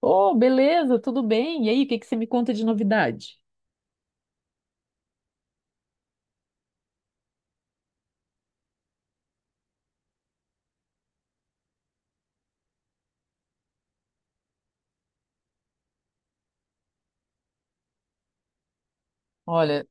Oh, beleza, tudo bem? E aí, o que que você me conta de novidade? Olha,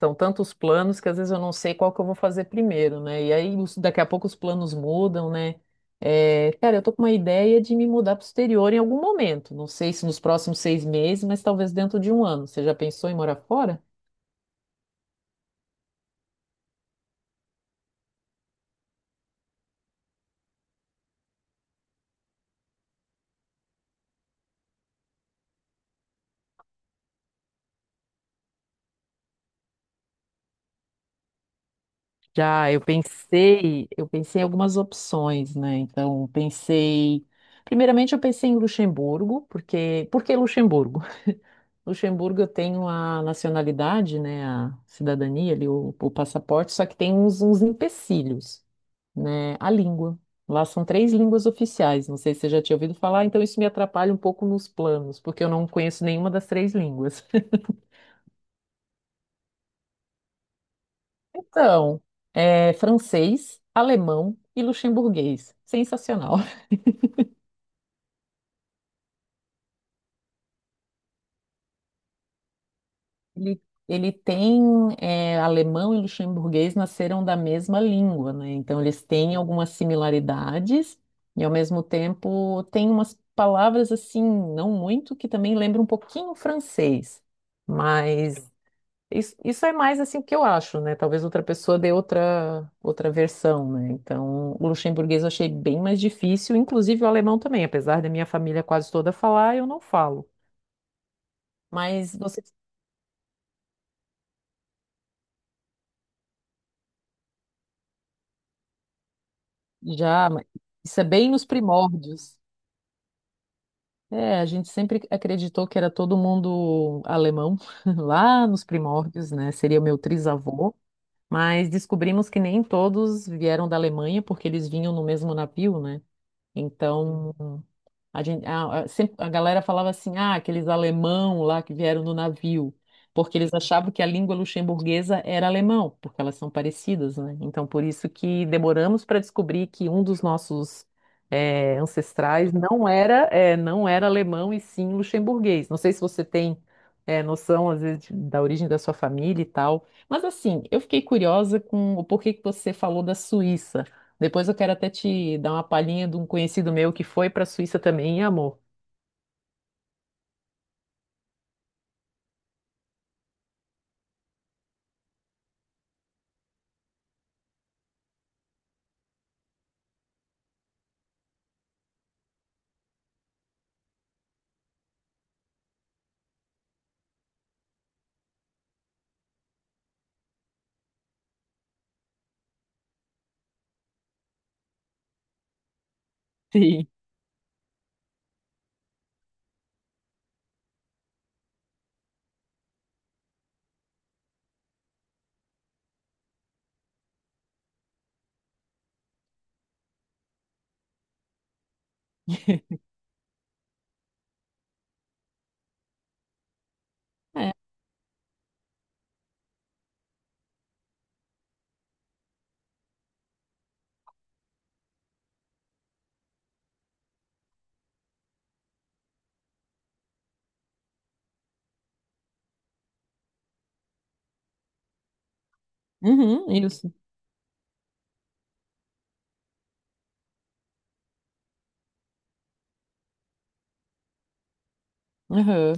são tantos planos que às vezes eu não sei qual que eu vou fazer primeiro, né? E aí daqui a pouco os planos mudam, né? É, cara, eu tô com uma ideia de me mudar para o exterior em algum momento. Não sei se nos próximos 6 meses, mas talvez dentro de um ano. Você já pensou em morar fora? Já, eu pensei em algumas opções, né? Então, pensei, primeiramente eu pensei em Luxemburgo, porque, por que Luxemburgo? Luxemburgo tem a nacionalidade, né, a cidadania ali, o passaporte, só que tem uns, uns empecilhos, né, a língua. Lá são 3 línguas oficiais, não sei se você já tinha ouvido falar, então isso me atrapalha um pouco nos planos, porque eu não conheço nenhuma das 3 línguas. Então, é francês, alemão e luxemburguês. Sensacional. Ele, ele tem alemão e luxemburguês nasceram da mesma língua, né? Então eles têm algumas similaridades e ao mesmo tempo tem umas palavras assim, não muito, que também lembram um pouquinho o francês. Mas isso é mais assim o que eu acho, né? Talvez outra pessoa dê outra versão, né? Então o luxemburguês eu achei bem mais difícil, inclusive o alemão também, apesar da minha família quase toda falar, eu não falo. Mas você já, mas isso é bem nos primórdios. É, a gente sempre acreditou que era todo mundo alemão, lá nos primórdios, né? Seria meu trisavô, mas descobrimos que nem todos vieram da Alemanha, porque eles vinham no mesmo navio, né? Então, a gente, a- sempre, a galera falava assim, ah, aqueles alemão lá que vieram no navio, porque eles achavam que a língua luxemburguesa era alemão, porque elas são parecidas, né? Então, por isso que demoramos para descobrir que um dos nossos ancestrais não era, não era alemão e sim luxemburguês. Não sei se você tem noção, às vezes, da origem da sua família e tal, mas assim, eu fiquei curiosa com o porquê que você falou da Suíça. Depois eu quero até te dar uma palhinha de um conhecido meu que foi para a Suíça também e amou. Sim. É. Uhum, isso. Uhum.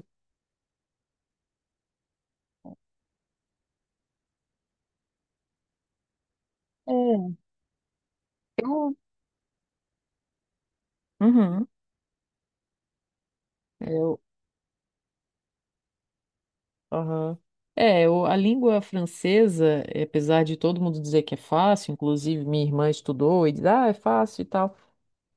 É, eu, uhum, Eu, aham. É, a língua francesa, apesar de todo mundo dizer que é fácil, inclusive minha irmã estudou e diz, ah, é fácil e tal.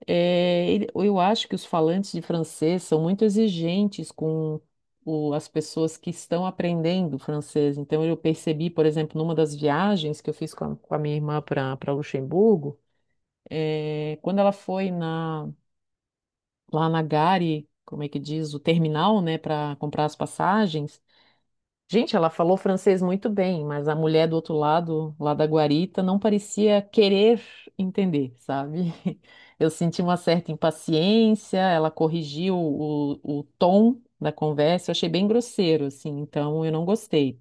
É, eu acho que os falantes de francês são muito exigentes com as pessoas que estão aprendendo francês. Então, eu percebi, por exemplo, numa das viagens que eu fiz com a minha irmã para Luxemburgo, quando ela foi lá na Gare, como é que diz, o terminal, né, para comprar as passagens. Gente, ela falou francês muito bem, mas a mulher do outro lado, lá da guarita, não parecia querer entender, sabe? Eu senti uma certa impaciência, ela corrigiu o tom da conversa, eu achei bem grosseiro, assim, então eu não gostei.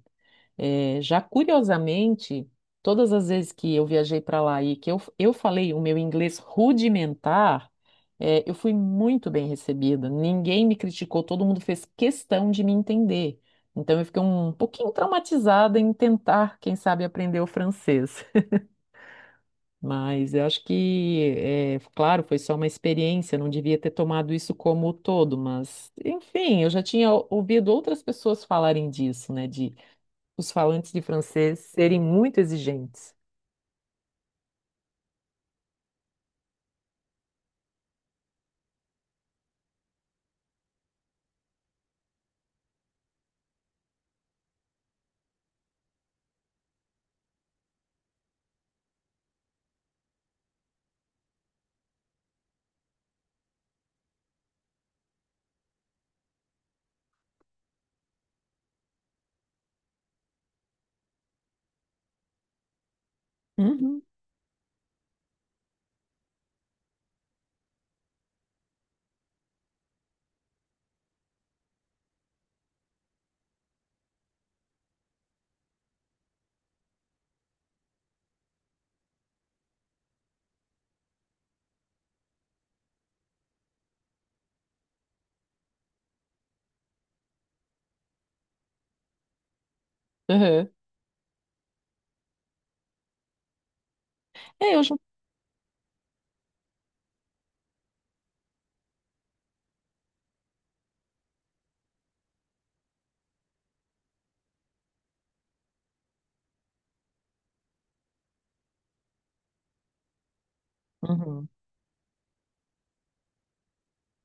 É, já curiosamente, todas as vezes que eu viajei para lá e que eu falei o meu inglês rudimentar, eu fui muito bem recebida. Ninguém me criticou, todo mundo fez questão de me entender. Então eu fiquei um pouquinho traumatizada em tentar, quem sabe, aprender o francês. Mas eu acho que, é, claro, foi só uma experiência, não devia ter tomado isso como todo, mas, enfim, eu já tinha ouvido outras pessoas falarem disso, né? De os falantes de francês serem muito exigentes. Uhum. Uhum. É, eu já... Uhum.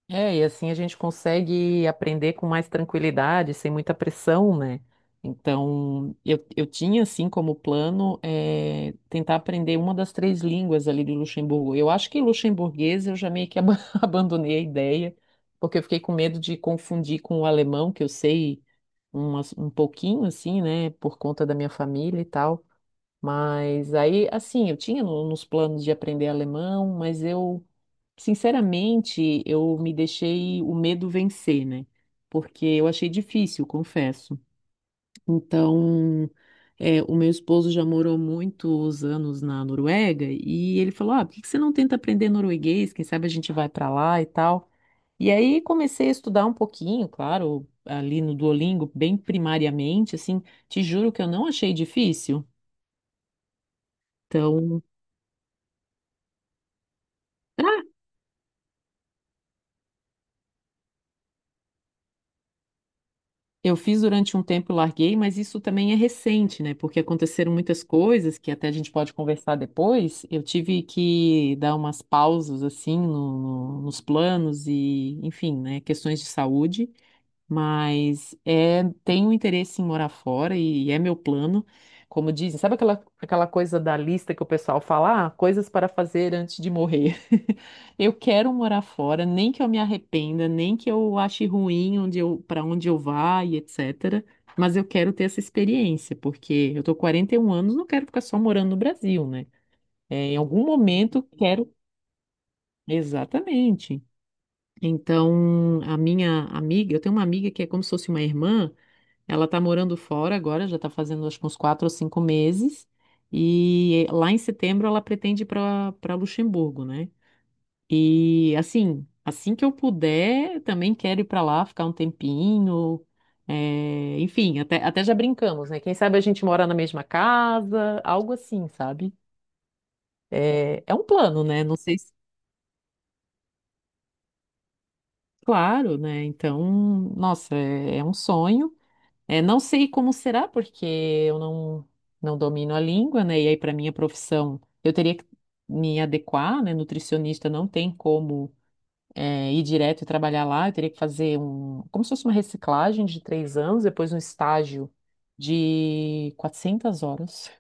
É, e assim a gente consegue aprender com mais tranquilidade, sem muita pressão, né? Então, eu tinha, assim, como plano, é tentar aprender uma das 3 línguas ali de Luxemburgo. Eu acho que luxemburguês eu já meio que abandonei a ideia, porque eu fiquei com medo de confundir com o alemão, que eu sei um pouquinho, assim, né, por conta da minha família e tal. Mas aí, assim, eu tinha nos planos de aprender alemão, mas eu, sinceramente, eu me deixei o medo vencer, né? Porque eu achei difícil, confesso. Então, é, o meu esposo já morou muitos anos na Noruega e ele falou: Ah, por que que você não tenta aprender norueguês? Quem sabe a gente vai para lá e tal. E aí comecei a estudar um pouquinho, claro, ali no Duolingo, bem primariamente, assim. Te juro que eu não achei difícil. Então. Eu fiz durante um tempo e larguei, mas isso também é recente, né? Porque aconteceram muitas coisas que até a gente pode conversar depois. Eu tive que dar umas pausas, assim, nos planos e, enfim, né? Questões de saúde. Mas é, tenho interesse em morar fora e, é meu plano. Como dizem, sabe aquela coisa da lista que o pessoal fala, ah, coisas para fazer antes de morrer? Eu quero morar fora, nem que eu me arrependa, nem que eu ache ruim onde eu, para onde eu vá e etc. Mas eu quero ter essa experiência, porque eu tô com 41 anos, não quero ficar só morando no Brasil, né? É, em algum momento quero. Exatamente. Então, a minha amiga, eu tenho uma amiga que é como se fosse uma irmã. Ela tá morando fora agora, já tá fazendo acho que uns 4 ou 5 meses. E lá em setembro ela pretende ir para Luxemburgo, né? E assim, assim que eu puder, também quero ir para lá ficar um tempinho. É, enfim, até já brincamos, né? Quem sabe a gente mora na mesma casa, algo assim, sabe? É, é um plano, né? Não sei se. Claro, né? Então, nossa, é é um sonho. É, não sei como será, porque eu não, não domino a língua, né? E aí, para minha profissão, eu teria que me adequar, né? Nutricionista não tem como ir direto e trabalhar lá. Eu teria que fazer um, como se fosse uma reciclagem de 3 anos, depois um estágio de 400 horas.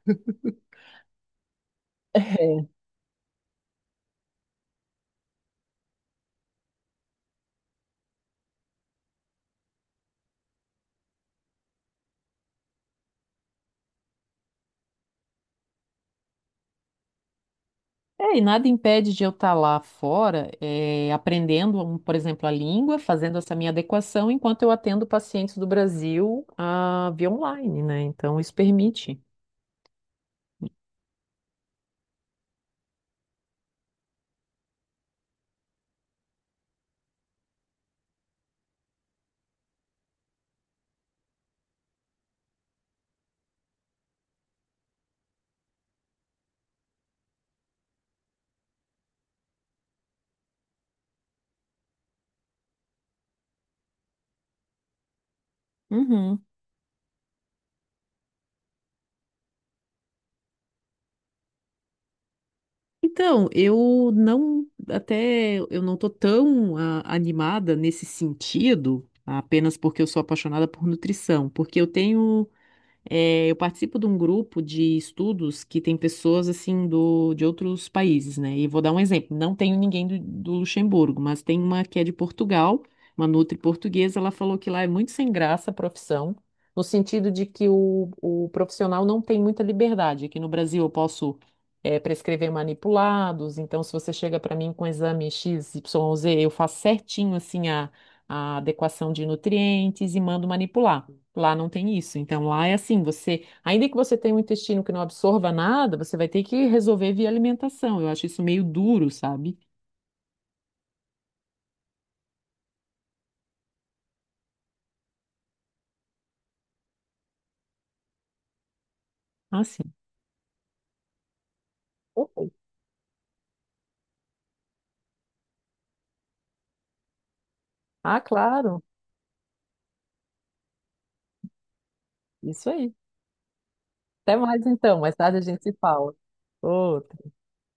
É, e nada impede de eu estar lá fora, aprendendo, um, por exemplo, a língua, fazendo essa minha adequação, enquanto eu atendo pacientes do Brasil, ah, via online, né? Então, isso permite. Uhum. Então, eu não, até eu não tô tão ah, animada nesse sentido, apenas porque eu sou apaixonada por nutrição, porque eu tenho é, eu participo de um grupo de estudos que tem pessoas assim do, de outros países, né? E vou dar um exemplo. Não tenho ninguém do, do Luxemburgo, mas tem uma que é de Portugal, uma nutri portuguesa. Ela falou que lá é muito sem graça a profissão, no sentido de que o profissional não tem muita liberdade. Aqui no Brasil eu posso prescrever manipulados, então se você chega para mim com exame X, XYZ, eu faço certinho assim a adequação de nutrientes e mando manipular. Lá não tem isso. Então, lá é assim, você, ainda que você tenha um intestino que não absorva nada, você vai ter que resolver via alimentação. Eu acho isso meio duro, sabe? Ah, sim. Ok. Ah, claro. Isso aí. Até mais então. Mais tarde a gente se fala. Outro.